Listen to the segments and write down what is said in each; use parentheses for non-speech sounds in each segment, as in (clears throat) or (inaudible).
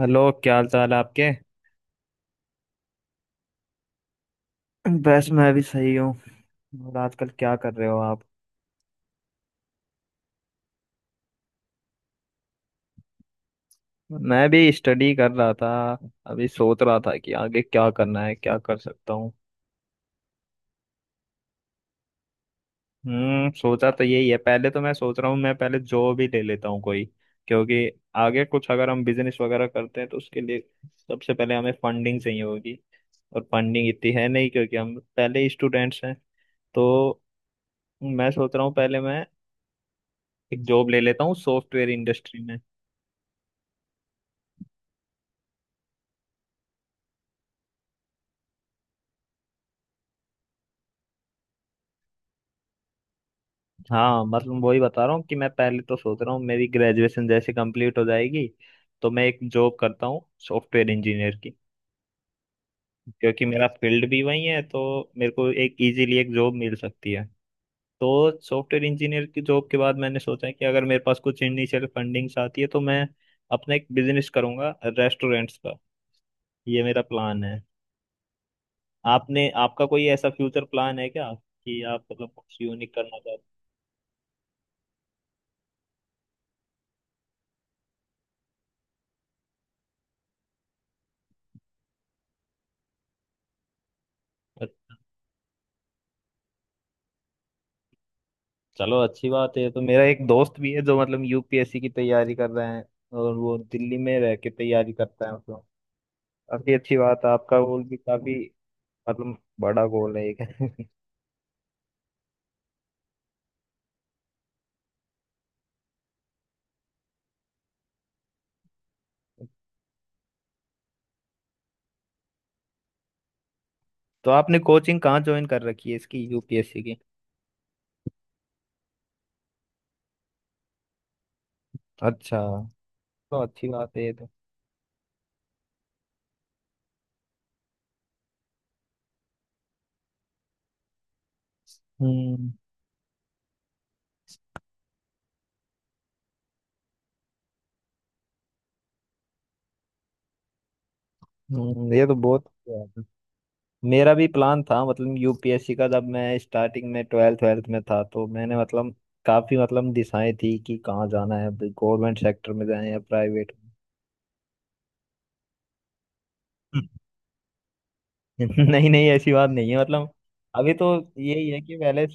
Hello, क्या हाल चाल है आपके। बस मैं भी सही हूँ। और आजकल क्या कर रहे हो आप। मैं भी स्टडी कर रहा था। अभी सोच रहा था कि आगे क्या करना है, क्या कर सकता हूँ। सोचा तो यही है, पहले तो मैं सोच रहा हूँ, मैं पहले जॉब ही ले लेता हूँ कोई। क्योंकि आगे कुछ अगर हम बिजनेस वगैरह करते हैं तो उसके लिए सबसे पहले हमें फंडिंग चाहिए होगी। और फंडिंग इतनी है नहीं, क्योंकि हम पहले स्टूडेंट्स हैं। तो मैं सोच रहा हूँ पहले मैं एक जॉब ले लेता हूँ सॉफ्टवेयर इंडस्ट्री में। हाँ, मतलब वही बता रहा हूँ कि मैं पहले तो सोच रहा हूँ, मेरी ग्रेजुएशन जैसे कंप्लीट हो जाएगी तो मैं एक जॉब करता हूँ सॉफ्टवेयर इंजीनियर की। क्योंकि मेरा फील्ड भी वही है तो मेरे को एक इजीली एक जॉब मिल सकती है। तो सॉफ्टवेयर इंजीनियर की जॉब के बाद मैंने सोचा है कि अगर मेरे पास कुछ इनिशियल फंडिंग्स आती है तो मैं अपना एक बिजनेस करूंगा रेस्टोरेंट्स का। ये मेरा प्लान है। आपने आपका कोई ऐसा फ्यूचर प्लान है क्या, कि आप मतलब कुछ यूनिक करना चाहते हो। चलो अच्छी बात है, तो मेरा एक दोस्त भी है जो मतलब यूपीएससी की तैयारी कर रहे हैं, और वो दिल्ली में रह के तैयारी करता है। मतलब काफी अच्छी बात है, आपका गोल भी काफी मतलब बड़ा गोल है एक (laughs) तो आपने कोचिंग कहाँ ज्वाइन कर रखी है इसकी, यूपीएससी की। अच्छा। तो अच्छी बात है ये तो। हम्म ये तो बहुत अच्छी बात है। मेरा भी प्लान था मतलब यूपीएससी का, जब मैं स्टार्टिंग में ट्वेल्थ ट्वेल्थ में था तो मैंने मतलब काफी मतलब दिशाएं थी कि कहाँ जाना है, गवर्नमेंट सेक्टर में जाएं या प्राइवेट में। (laughs) नहीं नहीं, ऐसी बात नहीं है, मतलब अभी तो यही है कि पहले।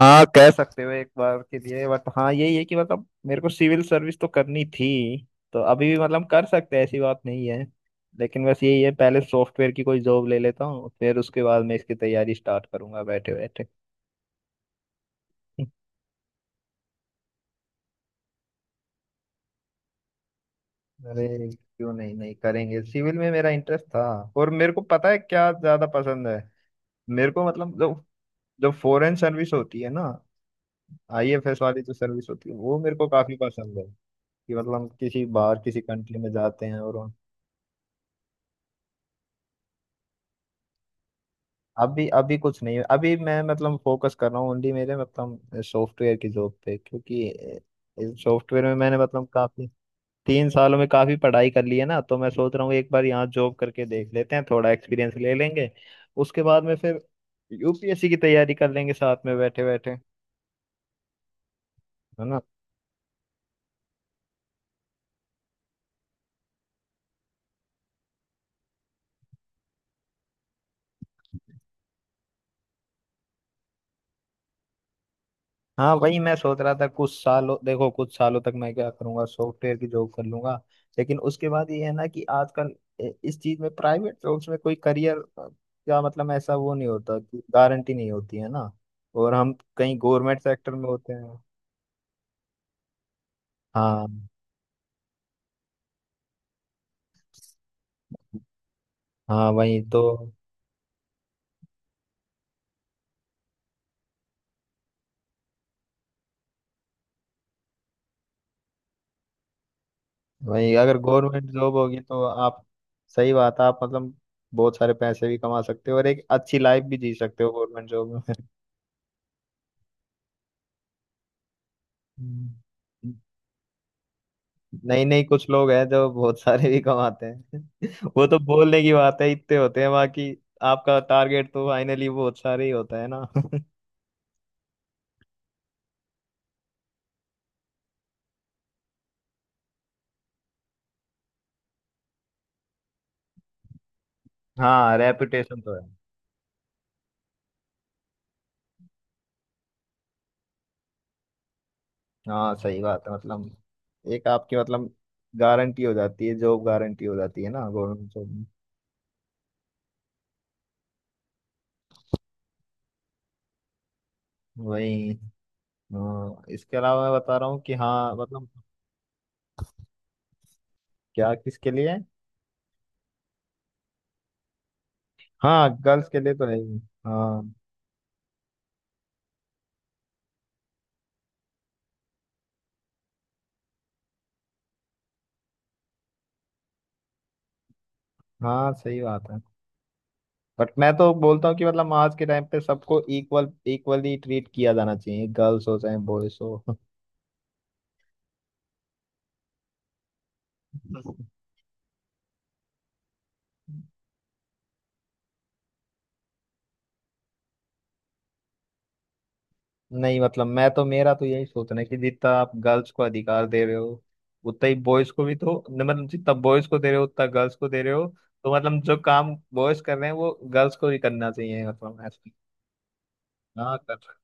हाँ, कह सकते हो एक बार के लिए, बट हाँ यही है कि मतलब मेरे को सिविल सर्विस तो करनी थी। तो अभी भी मतलब कर सकते हैं, ऐसी बात नहीं है। लेकिन बस यही है, पहले सॉफ्टवेयर की कोई जॉब ले लेता हूँ, फिर उसके बाद मैं इसकी तैयारी स्टार्ट करूंगा बैठे बैठे (laughs) अरे क्यों, नहीं नहीं करेंगे, सिविल में मेरा इंटरेस्ट था। और मेरे को पता है क्या ज्यादा पसंद है मेरे को, मतलब जो जो फॉरेन सर्विस होती है ना, आईएफएस वाली जो सर्विस होती है, वो मेरे को काफी पसंद है। कि मतलब हम किसी बाहर किसी कंट्री में जाते हैं और वहाँ-। अभी अभी कुछ नहीं है, अभी मैं मतलब फोकस कर रहा हूँ ओनली मेरे मतलब सॉफ्टवेयर की जॉब पे, क्योंकि सॉफ्टवेयर में मैंने मतलब काफी 3 सालों में काफी पढ़ाई कर ली है ना। तो मैं सोच रहा हूँ एक बार यहाँ जॉब करके देख लेते हैं, थोड़ा एक्सपीरियंस ले लेंगे। उसके बाद में फिर यूपीएससी की तैयारी कर लेंगे साथ में बैठे बैठे, है ना। हाँ वही मैं सोच रहा था, कुछ सालों देखो कुछ सालों तक मैं क्या करूंगा, सॉफ्टवेयर की जॉब कर लूंगा। लेकिन उसके बाद ये है ना कि आजकल इस चीज में प्राइवेट जॉब्स में कोई करियर का मतलब ऐसा वो नहीं होता, कि गारंटी नहीं होती है ना। और हम कहीं गवर्नमेंट सेक्टर में होते हैं। हाँ हाँ, वही तो। वही अगर गवर्नमेंट जॉब होगी तो आप। सही बात है, आप मतलब बहुत सारे पैसे भी कमा सकते हो और एक अच्छी लाइफ भी जी सकते हो गवर्नमेंट जॉब में। हम्म। नहीं नहीं, कुछ लोग हैं जो बहुत सारे भी कमाते हैं (laughs) वो तो बोलने की बात है, इतने होते हैं बाकी। आपका टारगेट तो फाइनली बहुत सारे ही होता है ना (laughs) हाँ, रेपुटेशन तो है। हाँ सही बात है, मतलब एक आपकी मतलब गारंटी हो जाती है, जॉब गारंटी हो जाती है ना गवर्नमेंट जॉब में। वही। हाँ, इसके अलावा मैं बता रहा हूँ कि, हाँ मतलब। क्या, किसके लिए। हाँ, गर्ल्स के लिए तो है ही। हाँ हाँ, सही बात है। बट मैं तो बोलता हूँ कि मतलब आज के टाइम पे सबको इक्वल इक्वली ट्रीट किया जाना चाहिए, गर्ल्स हो चाहे बॉयज हो (laughs) नहीं मतलब मैं तो मेरा तो यही सोचना है कि जितना आप गर्ल्स को अधिकार दे रहे हो उतना ही बॉयज को, भी तो मतलब जितना बॉयज को दे रहे हो उतना गर्ल्स को दे रहे हो। तो मतलब जो काम बॉयज कर रहे हैं वो गर्ल्स को भी करना चाहिए मतलब ऐसे। हाँ कर सकते।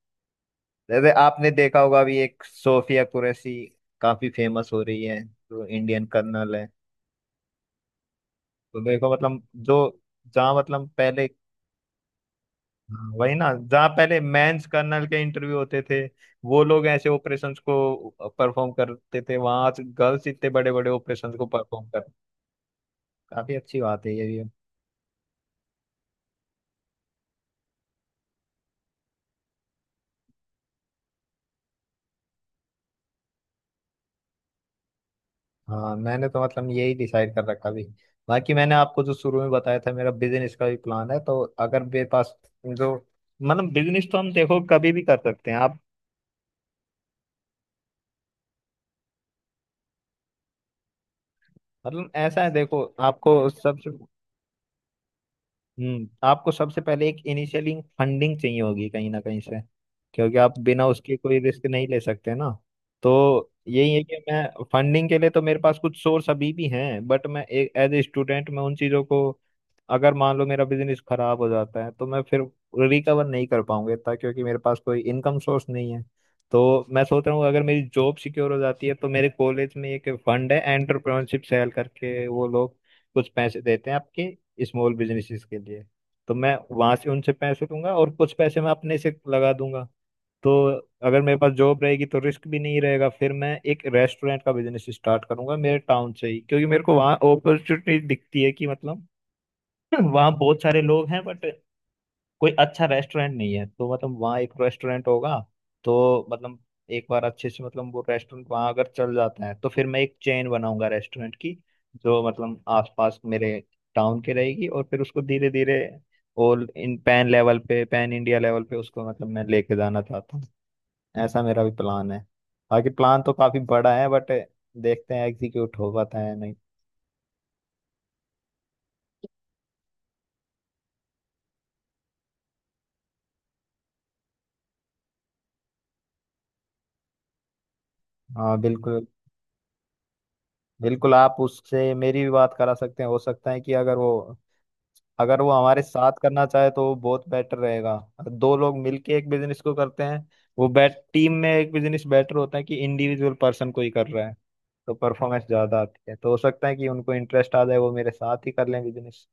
जैसे आपने देखा होगा, अभी एक सोफिया कुरैशी काफी फेमस हो रही है, जो इंडियन कर्नल है। तो देखो मतलब जो जहाँ मतलब पहले। हाँ, वही ना, जहाँ पहले मेंस कर्नल के इंटरव्यू होते थे, वो लोग ऐसे ऑपरेशंस को परफॉर्म करते थे, वहां आज गर्ल्स इतने बड़े बड़े ऑपरेशंस को परफॉर्म कर। काफी अच्छी बात है ये भी। हाँ मैंने तो मतलब यही डिसाइड कर रखा भी। बाकी मैंने आपको जो शुरू में बताया था, मेरा बिजनेस का भी प्लान है, तो अगर मेरे पास जो मतलब बिजनेस तो हम देखो कभी भी कर सकते हैं आप। मतलब ऐसा है देखो, आपको सबसे आपको सबसे पहले एक इनिशियली फंडिंग चाहिए होगी, कहीं ना कहीं से, क्योंकि आप बिना उसके कोई रिस्क नहीं ले सकते ना। तो यही है कि मैं फंडिंग के लिए तो मेरे पास कुछ सोर्स अभी भी हैं, बट मैं एक एज ए स्टूडेंट मैं उन चीज़ों को, अगर मान लो मेरा बिजनेस खराब हो जाता है तो मैं फिर रिकवर नहीं कर पाऊंगा इतना, क्योंकि मेरे पास कोई इनकम सोर्स नहीं है। तो मैं सोच रहा हूँ अगर मेरी जॉब सिक्योर हो जाती है तो मेरे कॉलेज में एक फंड है एंटरप्रेन्योरशिप सेल करके, वो लोग कुछ पैसे देते हैं आपके स्मॉल बिजनेसेस के लिए। तो मैं वहां से उनसे पैसे लूंगा और कुछ पैसे मैं अपने से लगा दूंगा। तो अगर मेरे पास जॉब रहेगी तो रिस्क भी नहीं रहेगा, फिर मैं एक रेस्टोरेंट का बिजनेस स्टार्ट करूंगा मेरे टाउन से ही, क्योंकि मेरे को वहाँ अपॉर्चुनिटी दिखती है कि मतलब (clears throat) (laughs) वहाँ बहुत सारे लोग हैं, बट कोई अच्छा रेस्टोरेंट नहीं है, तो मतलब वहाँ एक रेस्टोरेंट होगा। तो मतलब एक बार अच्छे से मतलब वो रेस्टोरेंट वहाँ अगर चल जाता है तो फिर मैं एक चेन बनाऊंगा रेस्टोरेंट की, जो मतलब आसपास मेरे टाउन के रहेगी, और फिर उसको धीरे धीरे ऑल इन पैन लेवल पे पैन इंडिया लेवल पे उसको मतलब मैं लेके जाना चाहता हूँ। ऐसा मेरा भी प्लान है। बाकी प्लान तो काफी बड़ा है बट देखते हैं एग्जीक्यूट हो पाता है या नहीं। हाँ बिल्कुल। बिल्कुल, आप उससे मेरी भी बात करा सकते हैं, हो सकता है कि अगर वो हमारे साथ करना चाहे तो वो बहुत बेटर रहेगा। अगर दो लोग मिलके एक बिजनेस को करते हैं, वो बेट टीम में एक बिजनेस बेटर होता है कि इंडिविजुअल पर्सन को ही कर रहा है। तो परफॉर्मेंस ज्यादा आती है, तो हो सकता है कि उनको इंटरेस्ट आ जाए वो मेरे साथ ही कर लें बिजनेस।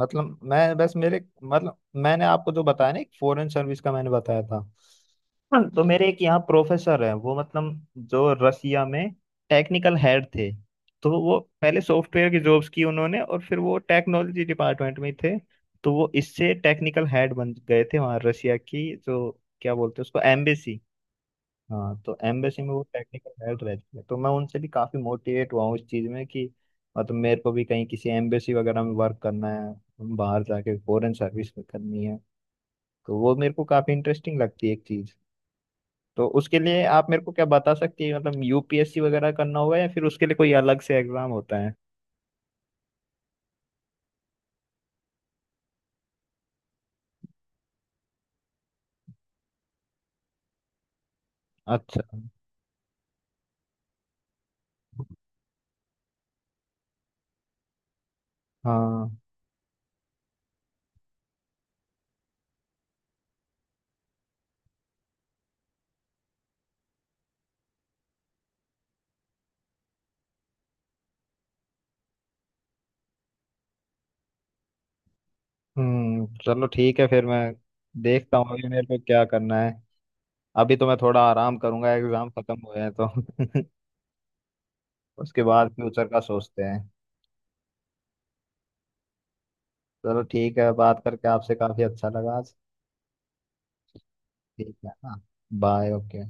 मतलब मैं बस मेरे मतलब मैंने आपको जो बताया ना, एक फॉरेन सर्विस का मैंने बताया था। हाँ, तो मेरे एक यहाँ प्रोफेसर है, वो मतलब जो रसिया में टेक्निकल हेड थे। तो वो पहले सॉफ्टवेयर की जॉब्स की उन्होंने, और फिर वो टेक्नोलॉजी डिपार्टमेंट में थे। तो वो इससे टेक्निकल हेड बन गए थे, वहाँ रसिया की जो क्या बोलते हैं उसको एम्बेसी। हाँ, तो एम्बेसी में वो टेक्निकल हेल्प रहती है, तो मैं उनसे भी काफी मोटिवेट हुआ हूँ इस चीज में कि मतलब मेरे को भी कहीं किसी एम्बेसी वगैरह में वर्क करना है। बाहर जाके फॉरेन सर्विस में करनी है। तो वो मेरे को काफी इंटरेस्टिंग लगती है एक चीज। तो उसके लिए आप मेरे को क्या बता सकती है, मतलब यूपीएससी वगैरह करना होगा या फिर उसके लिए कोई अलग से एग्जाम होता है। अच्छा। हाँ। चलो ठीक है, फिर मैं देखता हूँ अभी मेरे को क्या करना है। अभी तो मैं थोड़ा आराम करूंगा, एग्जाम खत्म हुए हैं तो (laughs) उसके बाद फ्यूचर का सोचते हैं। चलो ठीक है, बात करके आपसे काफी अच्छा लगा आज। ठीक है ना। Bye, okay.